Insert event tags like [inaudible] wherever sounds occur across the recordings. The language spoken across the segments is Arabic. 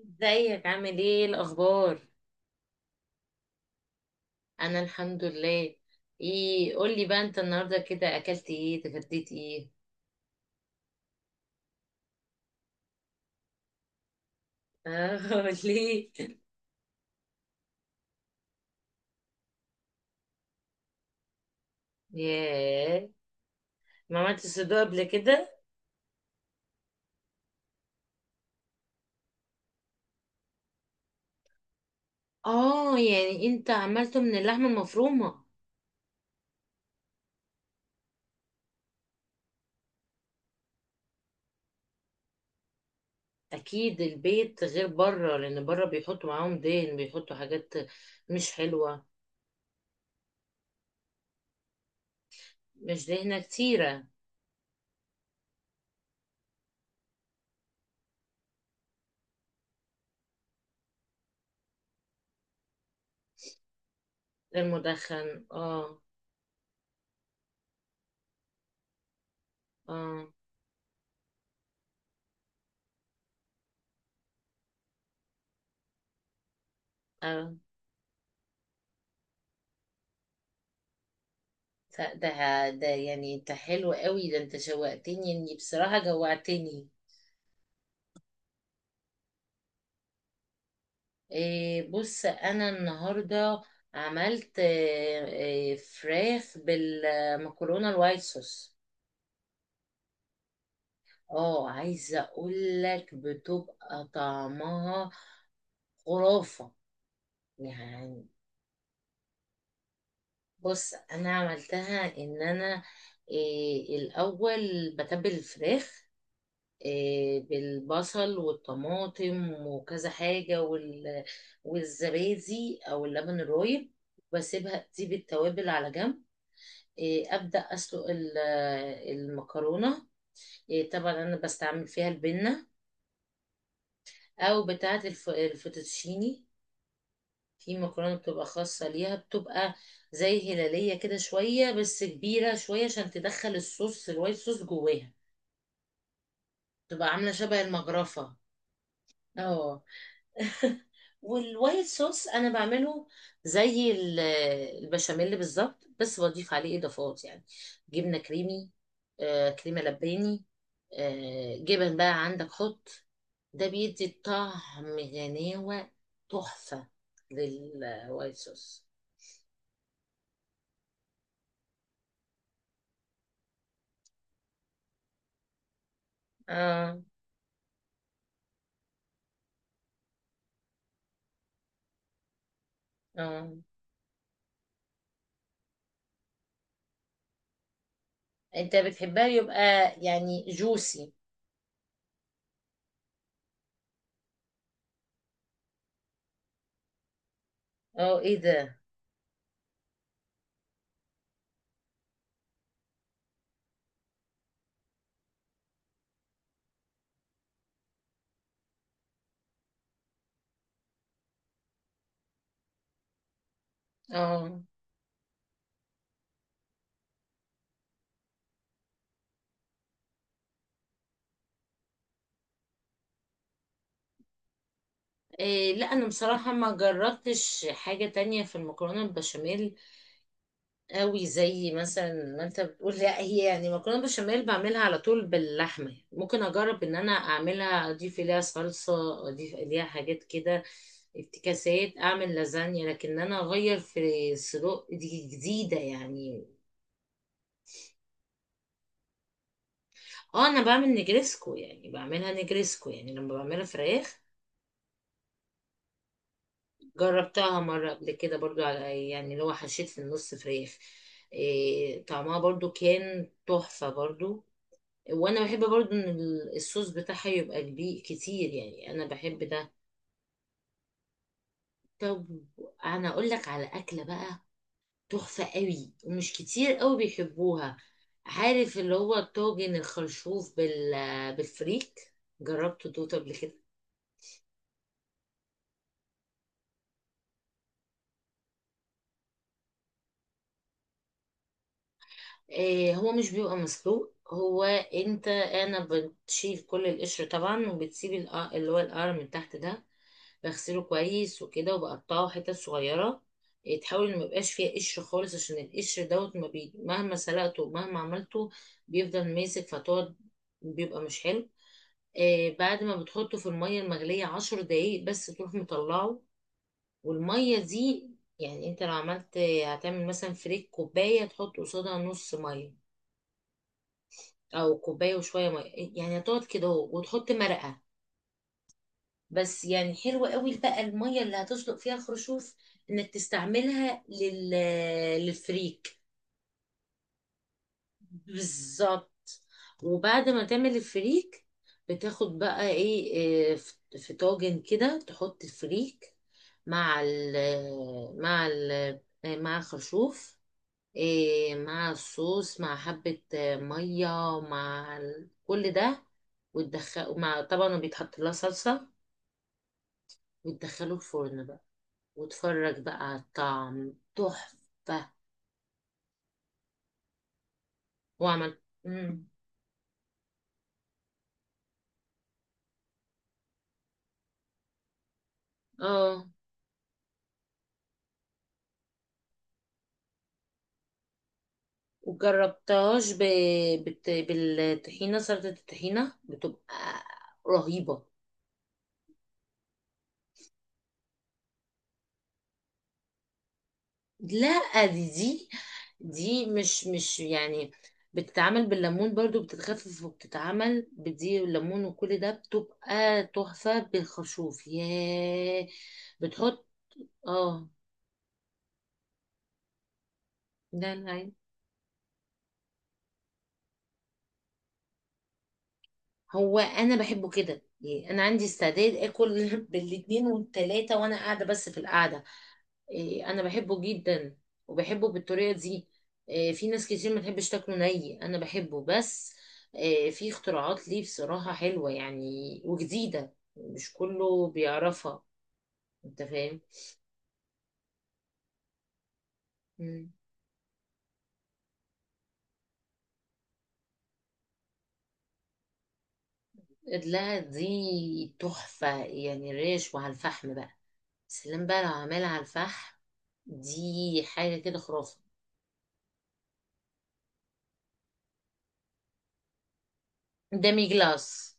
ازيك، عامل ايه؟ إيه الاخبار؟ انا الحمد لله. ايه، قولي بقى انت النهارده كده اكلت ايه، اتغديت ايه؟ اه. [laughs] ليه؟ ياه. ما عملتش صدوق قبل كده؟ اه، يعني انت عملته من اللحمه المفرومه؟ اكيد البيت غير بره، لان بره بيحطوا معاهم دهن، بيحطوا حاجات مش حلوه. مش دهنه كتيره؟ المدخن، اه. اه اه. ده، يعني انت حلو قوي، ده انت شوقتني، اني بصراحة جوعتني. إيه، بص انا النهاردة عملت، إيه، فراخ بالمكرونة الوايت صوص. اه، عايزة اقول لك بتبقى طعمها خرافة. يعني بص، انا عملتها ان انا، إيه، الاول بتبل الفراخ، آه، بالبصل والطماطم وكذا حاجة، والزبادي أو اللبن الرايب، واسيبها تسيب التوابل على جنب، آه، أبدأ أسلق المكرونة، آه، طبعا أنا بستعمل فيها البنة، أو بتاعة الفوتوتشيني. في مكرونة بتبقى خاصة ليها، بتبقى زي هلالية كده شوية، بس كبيرة شوية عشان تدخل الصوص الوايت صوص جواها، تبقى عاملة شبه المجرفة. اه. والوايت صوص انا بعمله زي البشاميل بالظبط، بس بضيف عليه اضافات يعني: جبنه كريمي، آه كريمه لباني، آه جبن بقى عندك حط، ده بيدي طعم غناوه، تحفه، للوايت صوص. اه اه، انت بتحبها يبقى، يعني جوسي. اه، ايه ده. اه. إيه لا، انا بصراحه ما جربتش حاجه تانية في المكرونه البشاميل قوي زي مثلا ما انت بتقول، لا هي يعني مكرونه بشاميل بعملها على طول باللحمه، ممكن اجرب ان انا اعملها اضيف اليها صلصه، اضيف اليها حاجات كده افتكاسات، اعمل لازانيا، لكن انا اغير في الصدوق، دي جديده يعني. اه، انا بعمل نجريسكو، يعني بعملها نجريسكو يعني لما بعملها فراخ. جربتها مره قبل كده برضو، على يعني اللي هو حشيت في النص فراخ، إيه طعمها برضو كان تحفه برضو. وانا بحب برضو ان الصوص بتاعها يبقى كبير كتير، يعني انا بحب ده. طب، انا اقول لك على اكله بقى، تحفه قوي ومش كتير قوي بيحبوها، عارف؟ اللي هو الطاجن الخرشوف بالفريك، جربته دوت قبل كده؟ إيه، هو مش بيبقى مسلوق هو. انت، انا بتشيل كل القشر طبعا وبتسيب اللي هو القرع من تحت ده، بغسله كويس وكده وبقطعه حتت صغيرة. إيه، تحاول إن ميبقاش فيها قشر خالص، عشان القشر دوت ما بي... مهما سلقته ومهما عملته بيفضل ماسك، فتقعد بيبقى مش حلو. آه، بعد ما بتحطه في المية المغلية 10 دقايق بس تروح مطلعه، والمية دي، يعني انت لو عملت هتعمل مثلا فريك كوباية تحط قصادها نص مية، أو كوباية وشوية مية، يعني هتقعد كده اهو وتحط مرقة، بس يعني حلوة قوي بقى المية اللي هتسلق فيها خرشوف انك تستعملها للفريك. بالظبط. وبعد ما تعمل الفريك بتاخد بقى، ايه، في طاجن كده تحط الفريك، مع ال مع ال آه، مع الخرشوف، إيه، مع الصوص، مع حبة آه، مية، كل ده، وتدخله، مع طبعا بيتحط لها صلصة، وتدخله الفرن بقى، واتفرج بقى على الطعم، تحفة. واعمل. مم. اه. وجربتهاش ب... بالطحينة، سلطة الطحينة بتبقى رهيبة. لا، دي مش يعني، بتتعمل بالليمون برضو، بتتخفف، وبتتعمل بدي والليمون وكل ده، بتبقى تحفة بالخرشوف، ياه. بتحط. اه لا لا. هو انا بحبه كده، يعني انا عندي استعداد اكل [laughs] بالاتنين والتلاتة وانا قاعده بس في القعده. إيه، انا بحبه جدا، وبحبه بالطريقه دي. إيه، في ناس كتير ما تحبش تاكله، ني انا بحبه بس. إيه، في اختراعات ليه بصراحه حلوه يعني، وجديده مش كله بيعرفها. انت فاهم؟ مم. لا، دي تحفه، يعني ريش وعلى الفحم بقى، سلام بقى لو عمال على الفحم، دي حاجه كده خرافه. دامي جلاس.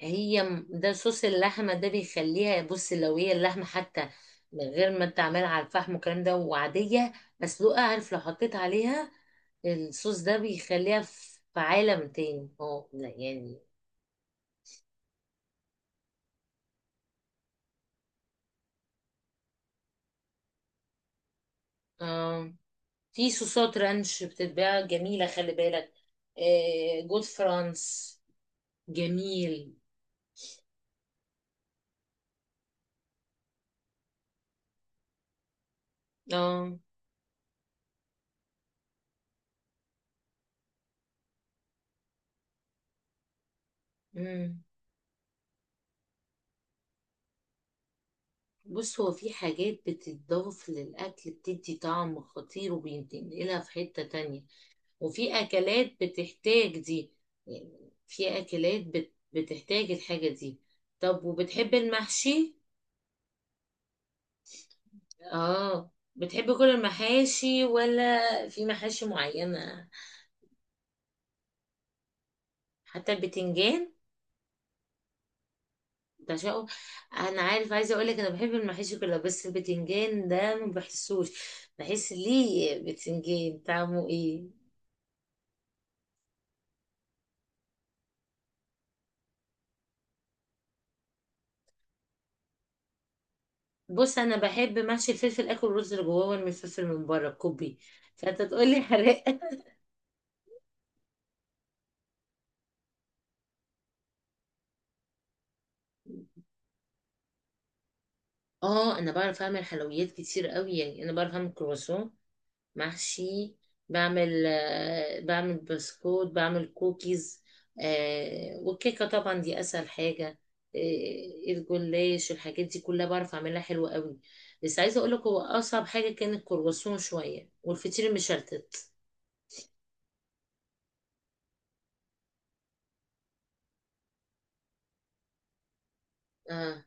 هي ده صوص اللحمه ده بيخليها، بص، لو هي اللحمه حتى من غير ما انت عاملها على الفحم والكلام ده وعاديه مسلوقه، عارف، لو حطيت عليها الصوص ده بيخليها في عالم تاني، اه لا يعني. آه، في صوصات رانش بتتباع جميله، خلي بالك، آه جود فرانس. جميل. اه. مم. بص، هو في حاجات بتتضاف للأكل بتدي طعم خطير وبينتقلها في حتة تانية، وفي اكلات بتحتاج دي، يعني في اكلات بتحتاج الحاجة دي. طب، وبتحب المحشي؟ اه، بتحب كل المحاشي، ولا في محاشي معينة؟ حتى البتنجان؟ بعشقه. انا عارف، عايزه اقول لك، انا بحب المحاشي كلها، بس البتنجان ده ما بحسوش، بحس ليه بتنجان، طعمه ايه؟ بص، انا بحب محشي الفلفل، اكل الرز اللي جواه من الفلفل من بره، كوبي، فانت تقول لي حراق؟ اه، انا بعرف اعمل حلويات كتير قوي، يعني انا بعرف اعمل كرواسون محشي، بعمل بسكوت، بعمل كوكيز، آه والكيكه طبعا دي اسهل حاجه، آه الجلاش، الحاجات دي كلها بعرف اعملها حلوه قوي. بس عايزه اقول لك هو اصعب حاجه كان الكرواسون شويه والفطير المشلتت. اه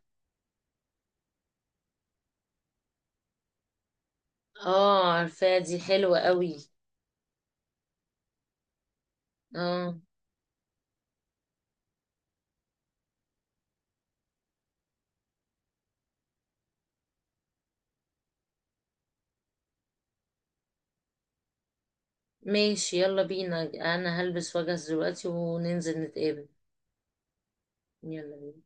اه، عارفاه دي حلوه قوي. اه، ماشي، يلا بينا. انا هلبس واجهز دلوقتي وننزل نتقابل. يلا بينا.